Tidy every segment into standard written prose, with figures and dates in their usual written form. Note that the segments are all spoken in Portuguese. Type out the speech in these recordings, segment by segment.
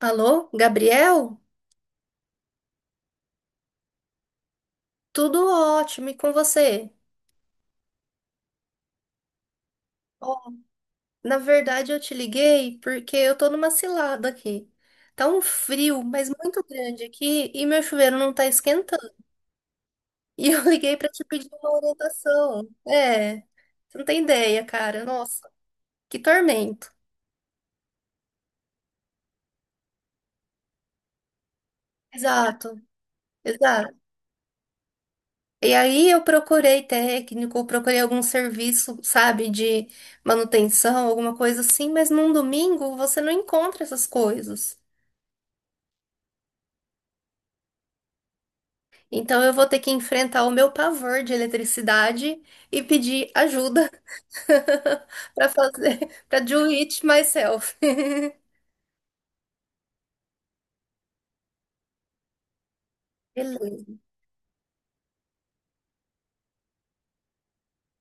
Alô, Gabriel? Tudo ótimo, e com você? Ó, na verdade, eu te liguei porque eu tô numa cilada aqui. Tá um frio, mas muito grande aqui, e meu chuveiro não tá esquentando. E eu liguei pra te pedir uma orientação. Você não tem ideia, cara. Nossa, que tormento. Exato, exato. E aí eu procurei técnico, procurei algum serviço, sabe, de manutenção, alguma coisa assim, mas num domingo você não encontra essas coisas. Então eu vou ter que enfrentar o meu pavor de eletricidade e pedir ajuda para fazer, para do it myself. Beleza.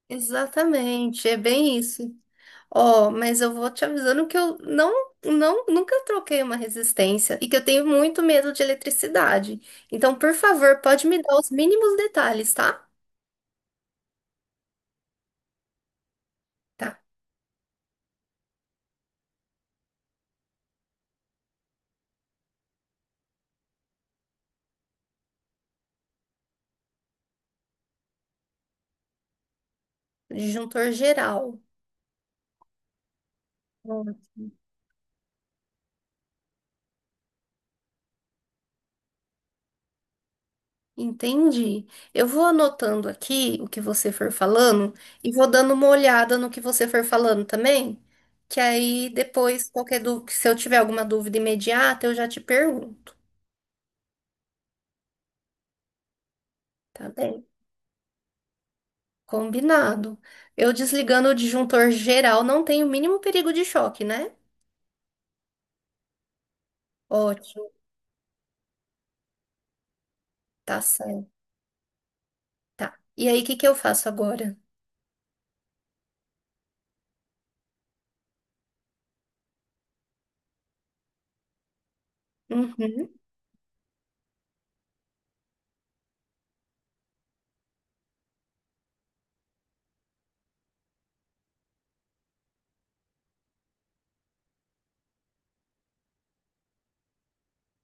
Exatamente, é bem isso. Ó, mas eu vou te avisando que eu não, nunca troquei uma resistência e que eu tenho muito medo de eletricidade. Então, por favor, pode me dar os mínimos detalhes, tá? Tá. Disjuntor geral. Ótimo. Entendi. Eu vou anotando aqui o que você for falando e vou dando uma olhada no que você for falando também, que aí depois, se eu tiver alguma dúvida imediata, eu já te pergunto, tá bem? Combinado. Eu desligando o disjuntor geral, não tem o mínimo perigo de choque, né? Ótimo, tá certo. Tá. E aí, o que que eu faço agora? Uhum,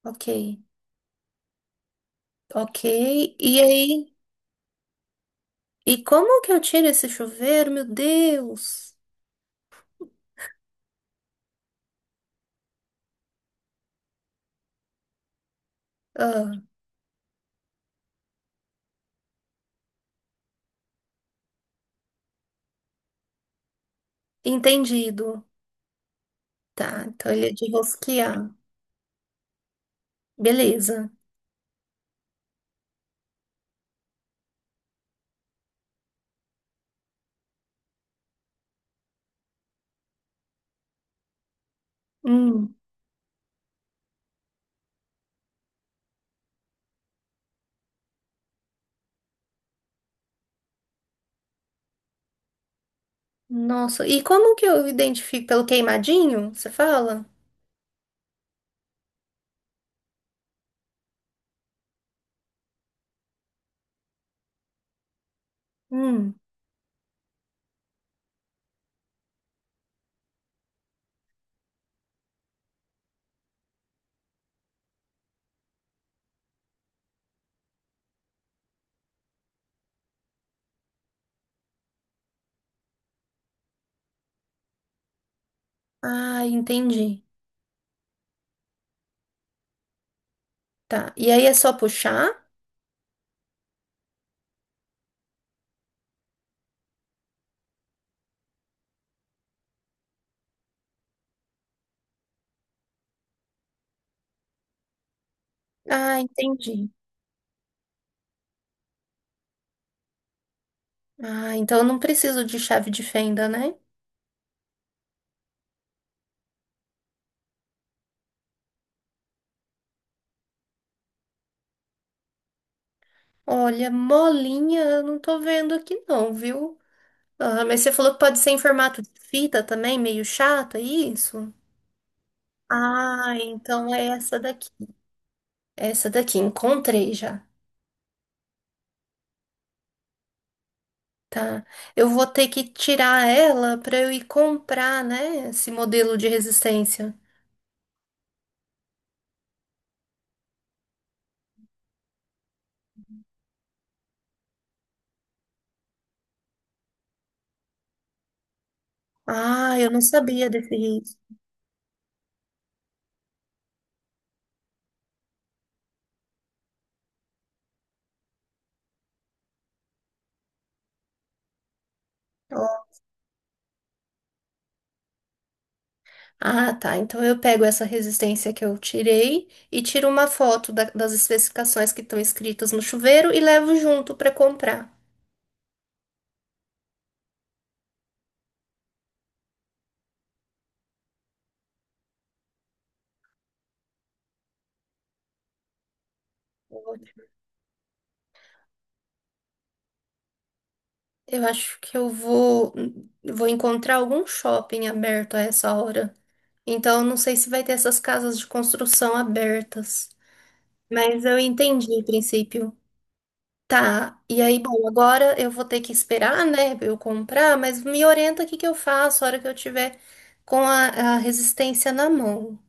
ok, ok. E aí? E como que eu tiro esse chuveiro? Meu Deus! Ah. Entendido. Tá, então ele é de rosquear. Beleza. Hum, nossa, e como que eu identifico pelo queimadinho? Você fala? Hum, ah, entendi. Tá, e aí é só puxar? Ah, entendi. Ah, então eu não preciso de chave de fenda, né? Olha, molinha, eu não tô vendo aqui não, viu? Ah, mas você falou que pode ser em formato de fita também, meio chato, é isso? Ah, então é essa daqui. Essa daqui, encontrei já. Tá. Eu vou ter que tirar ela para eu ir comprar, né, esse modelo de resistência. Ah, eu não sabia desse risco. Ah, tá. Então eu pego essa resistência que eu tirei e tiro uma foto das especificações que estão escritas no chuveiro e levo junto para comprar. Ótimo. Eu acho que eu vou encontrar algum shopping aberto a essa hora. Então eu não sei se vai ter essas casas de construção abertas, mas eu entendi o princípio. Tá, e aí, bom, agora eu vou ter que esperar, né, eu comprar, mas me orienta o que que eu faço a hora que eu tiver com a resistência na mão.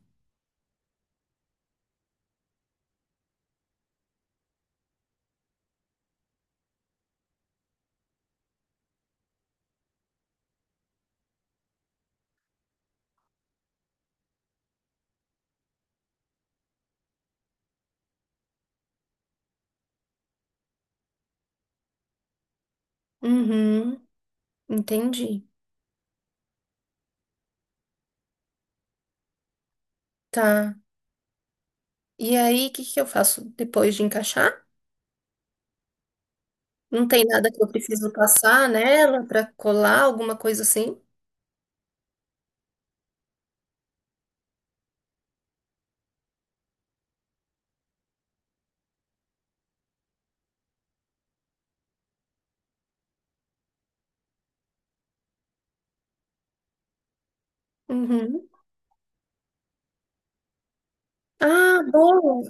Uhum, entendi. Tá. E aí, o que que eu faço depois de encaixar? Não tem nada que eu preciso passar nela para colar, alguma coisa assim? Uhum. Ah, boa!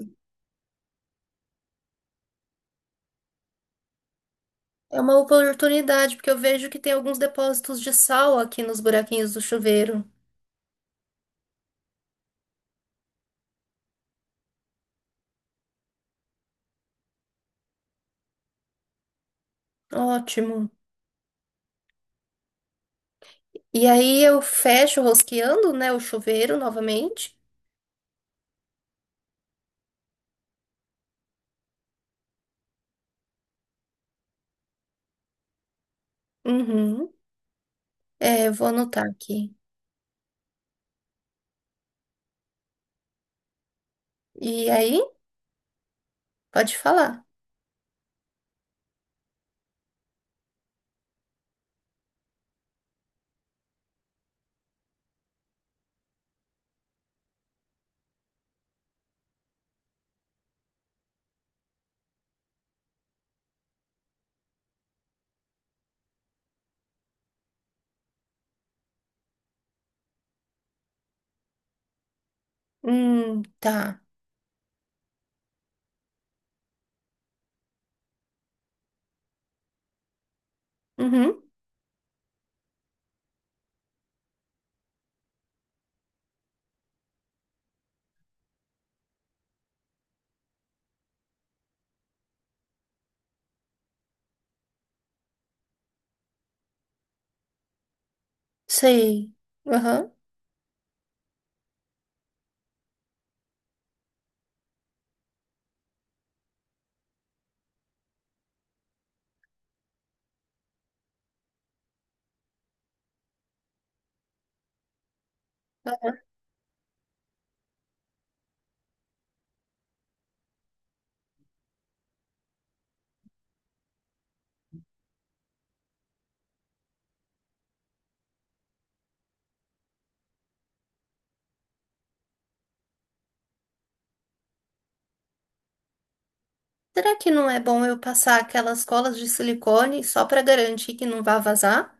É uma oportunidade, porque eu vejo que tem alguns depósitos de sal aqui nos buraquinhos do chuveiro. Ótimo. E aí eu fecho rosqueando, né, o chuveiro novamente. Uhum. É, eu vou anotar aqui. E aí, pode falar. Tá. Uhum. Sei. Aham. Será que não é bom eu passar aquelas colas de silicone só para garantir que não vá vazar?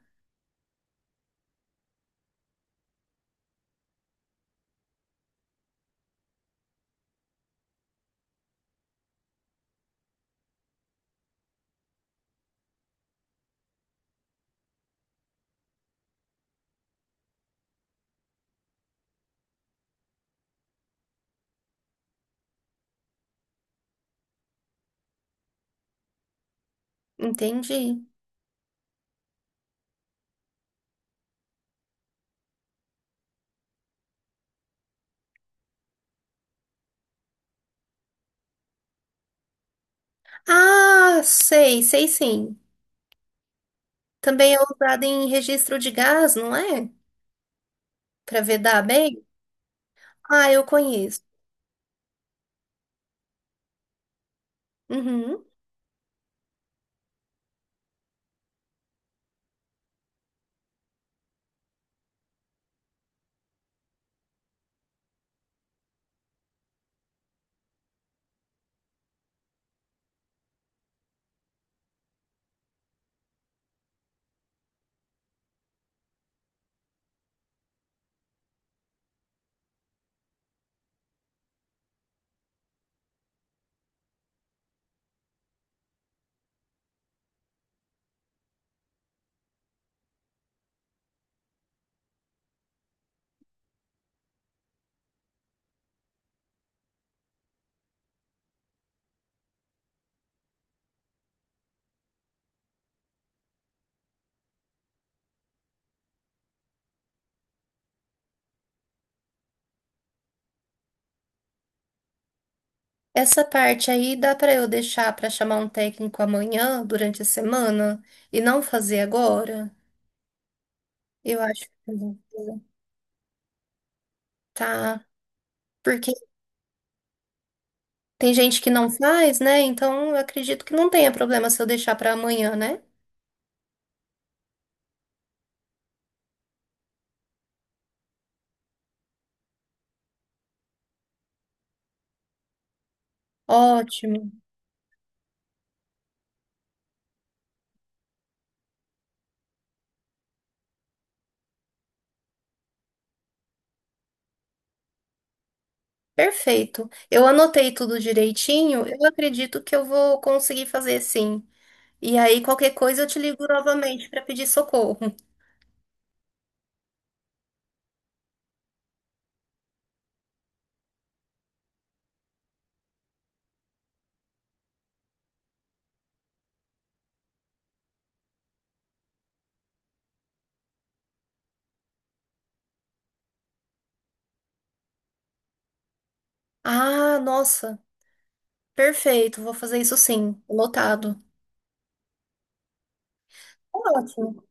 Entendi. Ah, sei, sei sim. Também é usado em registro de gás, não é? Para vedar bem? Ah, eu conheço. Uhum. Essa parte aí dá para eu deixar para chamar um técnico amanhã, durante a semana, e não fazer agora? Eu acho que eu vou fazer. Tá. Porque tem gente que não faz, né? Então eu acredito que não tenha problema se eu deixar para amanhã, né? Ótimo. Perfeito. Eu anotei tudo direitinho. Eu acredito que eu vou conseguir fazer sim. E aí, qualquer coisa, eu te ligo novamente para pedir socorro. Ah, nossa. Perfeito. Vou fazer isso sim. Anotado. Ótimo.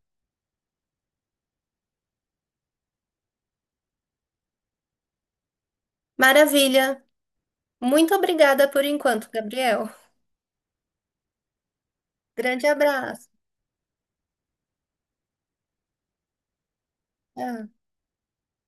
Maravilha. Muito obrigada por enquanto, Gabriel. Grande abraço. Tchau.